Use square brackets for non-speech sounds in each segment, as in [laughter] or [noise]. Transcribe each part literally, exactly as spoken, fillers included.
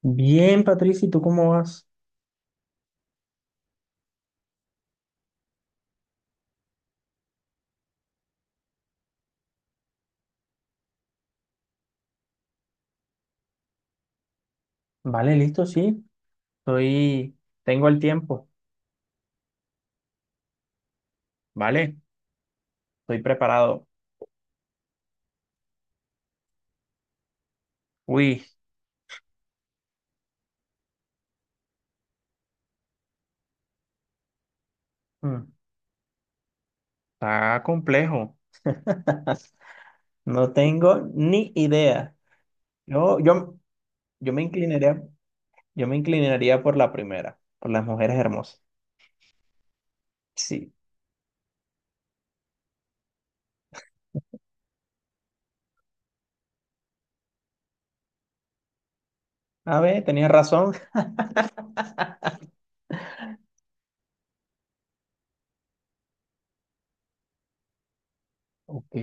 Bien, Patricia, ¿y tú cómo vas? Vale, listo, sí. Estoy, tengo el tiempo, ¿vale? Estoy preparado. Uy, mm, está complejo. [laughs] No tengo ni idea. Yo, yo, yo me inclinaría, yo me inclinaría por la primera, por las mujeres hermosas. Sí. A ver, tenía razón. [laughs] Ok,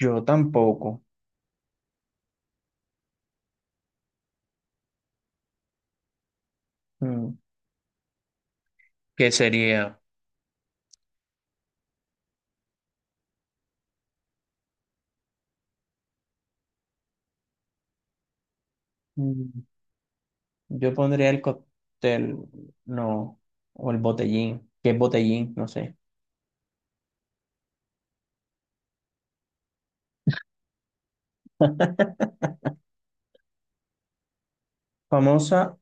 yo tampoco. Mm, ¿qué sería? Yo pondría el cóctel, no, o el botellín, que es botellín, no sé. Famosa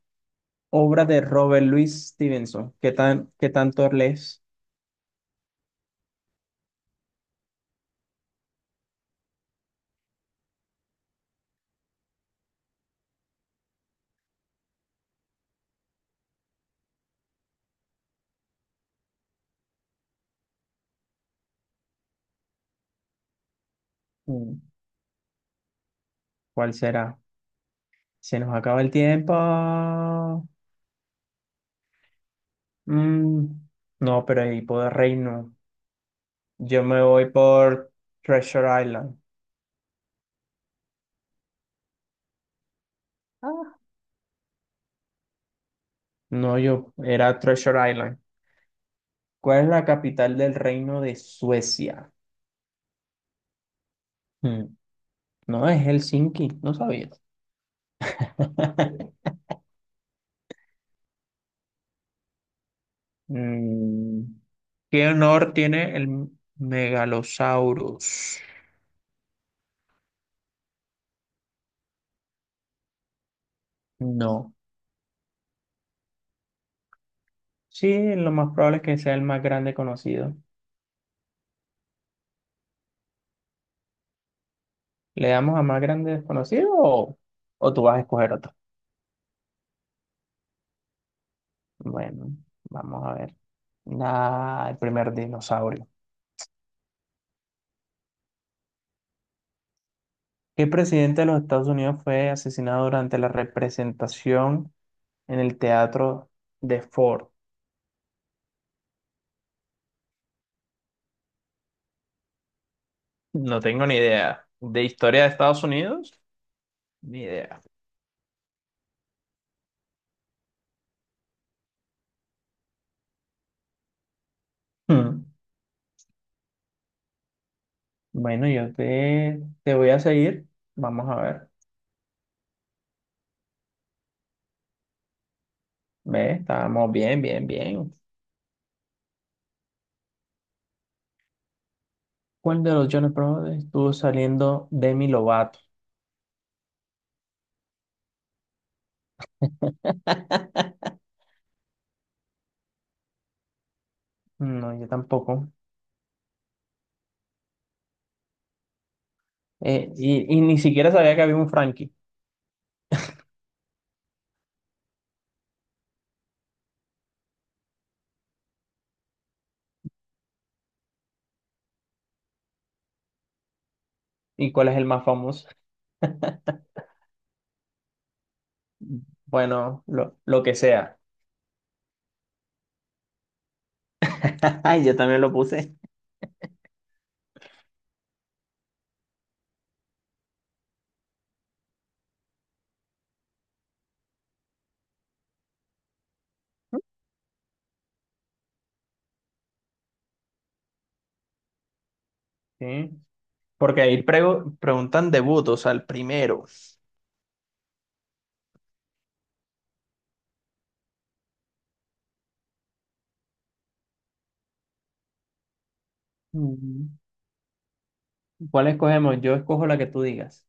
obra de Robert Louis Stevenson. ¿Qué tan, ¿qué tanto lees? Mm, ¿cuál será? Se nos acaba el tiempo. Mm, no, pero ahí puedo reino. Yo me voy por Treasure Island. Ah. No, yo era Treasure Island. ¿Cuál es la capital del reino de Suecia? Mm, no, es Helsinki, no sabías. [laughs] Mm, ¿qué honor tiene el megalosaurus? No. Sí, lo más probable es que sea el más grande conocido. ¿Le damos a más grande desconocido o, o tú vas a escoger otro? Bueno, vamos a ver. Ah, el primer dinosaurio. ¿Qué presidente de los Estados Unidos fue asesinado durante la representación en el teatro de Ford? No tengo ni idea. ¿De historia de Estados Unidos? Ni idea. Hmm. Bueno, yo te, te voy a seguir. Vamos a ver. Ve, estábamos bien, bien, bien. ¿Cuál de los Jonas Brothers estuvo saliendo Demi Lovato? [laughs] No, yo tampoco. Eh, y, y ni siquiera sabía que había un Frankie. ¿Y cuál es el más famoso? Bueno, lo, lo que sea. [laughs] Ay, yo también lo puse. ¿Sí? Porque ahí prego- preguntan debut, o sea, el primero. Mm, ¿cuál escogemos? Yo escojo la que tú digas.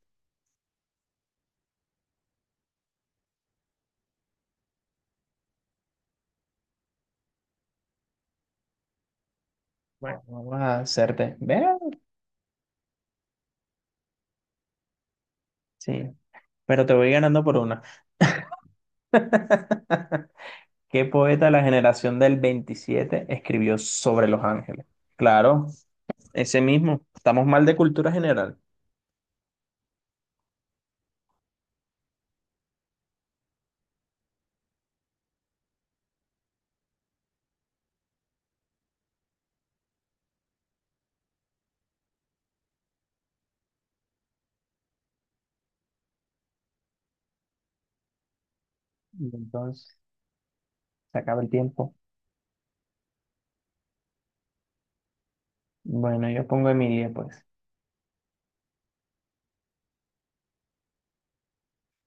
Bueno, vamos a hacerte. ¿Ve? Sí, pero te voy ganando por una. [laughs] ¿Qué poeta de la generación del veintisiete escribió sobre Los Ángeles? Claro, ese mismo. Estamos mal de cultura general. Y entonces, se acaba el tiempo. Bueno, yo pongo Emilia, pues.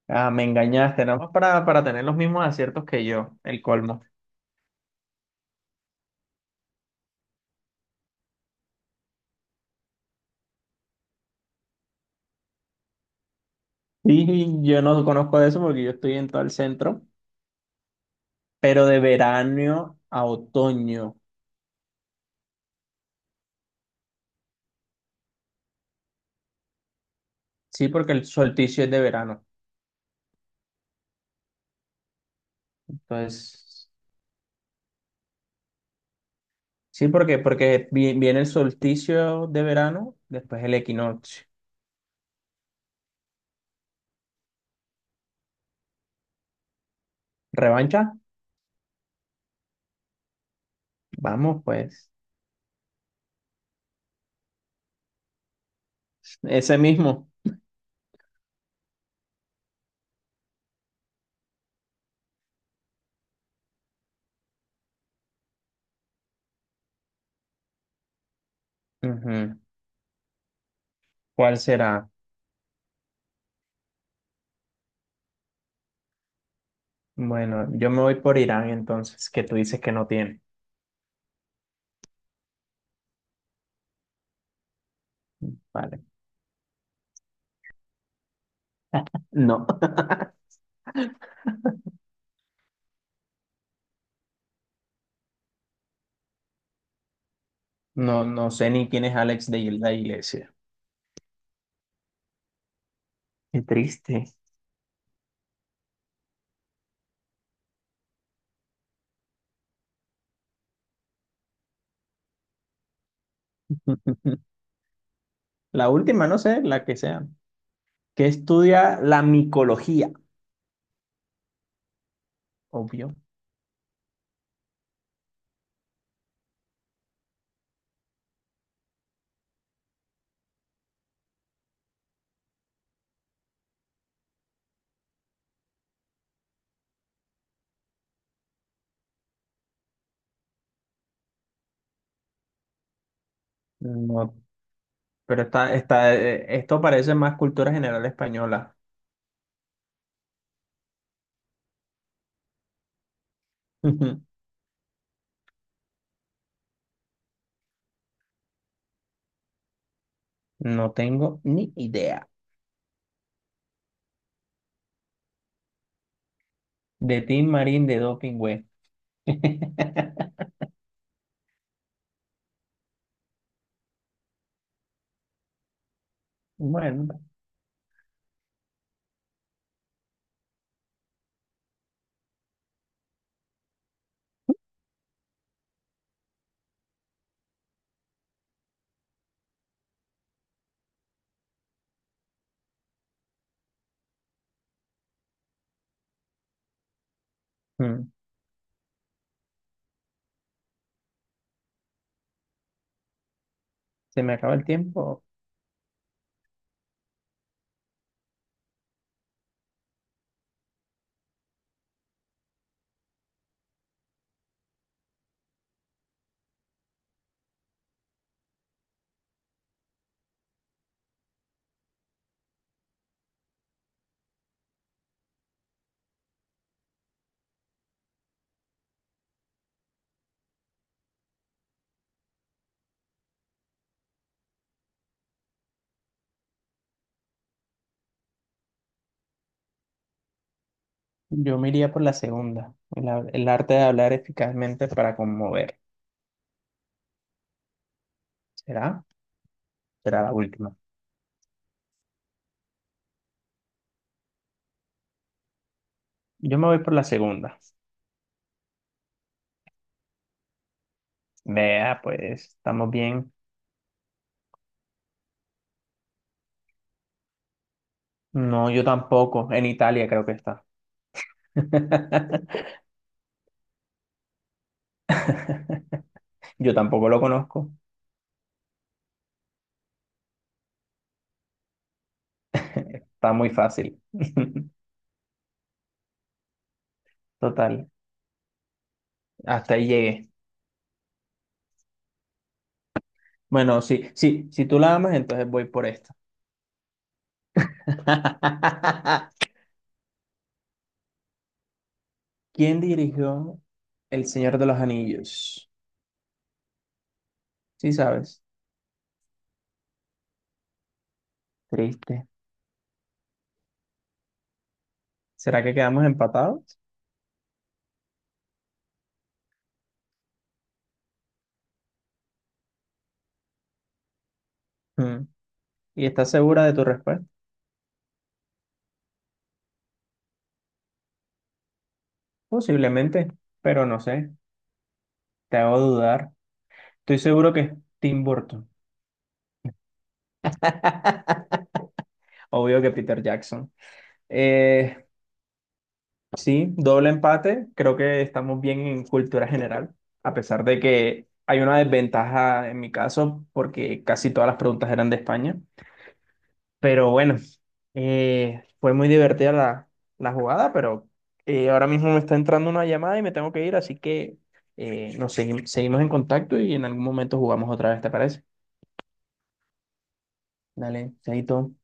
Ah, me engañaste, nada más para, para tener los mismos aciertos que yo, el colmo. Y yo no conozco eso porque yo estoy en todo el centro, pero de verano a otoño. Sí, porque el solsticio es de verano. Entonces. Sí, porque, porque vi- viene el solsticio de verano, después el equinoccio. ¿Revancha? Vamos, pues. Ese mismo. Ujú. ¿Cuál será? Bueno, yo me voy por Irán entonces, que tú dices que no tiene. Vale. No, [laughs] no, no sé ni quién es Alex de la Iglesia. Qué triste. [laughs] La última, no sé, la que sea. Que estudia la micología, obvio. No, pero está, está, eh, esto parece más cultura general española. [laughs] No tengo ni idea. De Team Marín de Doping Web. [laughs] Bueno, mm, se me acaba el tiempo. Yo me iría por la segunda. El, hab- el arte de hablar eficazmente para conmover. ¿Será? Será la última. Yo me voy por la segunda. Vea, pues, estamos bien. No, yo tampoco. En Italia creo que está. [laughs] Yo tampoco lo conozco. Está muy fácil. [laughs] Total. Hasta ahí llegué. Bueno, sí, sí, si tú la amas, entonces voy por esta. [laughs] ¿Quién dirigió El Señor de los Anillos? Sí, sabes. Triste. ¿Será que quedamos empatados? Mm. ¿Y estás segura de tu respuesta? Posiblemente, pero no sé. Te hago dudar. Estoy seguro que es Tim Burton. [laughs] Obvio que Peter Jackson. Eh, sí, doble empate. Creo que estamos bien en cultura general, a pesar de que hay una desventaja en mi caso porque casi todas las preguntas eran de España. Pero bueno, eh, fue muy divertida la, la jugada, pero eh, ahora mismo me está entrando una llamada y me tengo que ir, así que eh, nos seguim- seguimos en contacto y en algún momento jugamos otra vez, ¿te parece? Dale, chaito.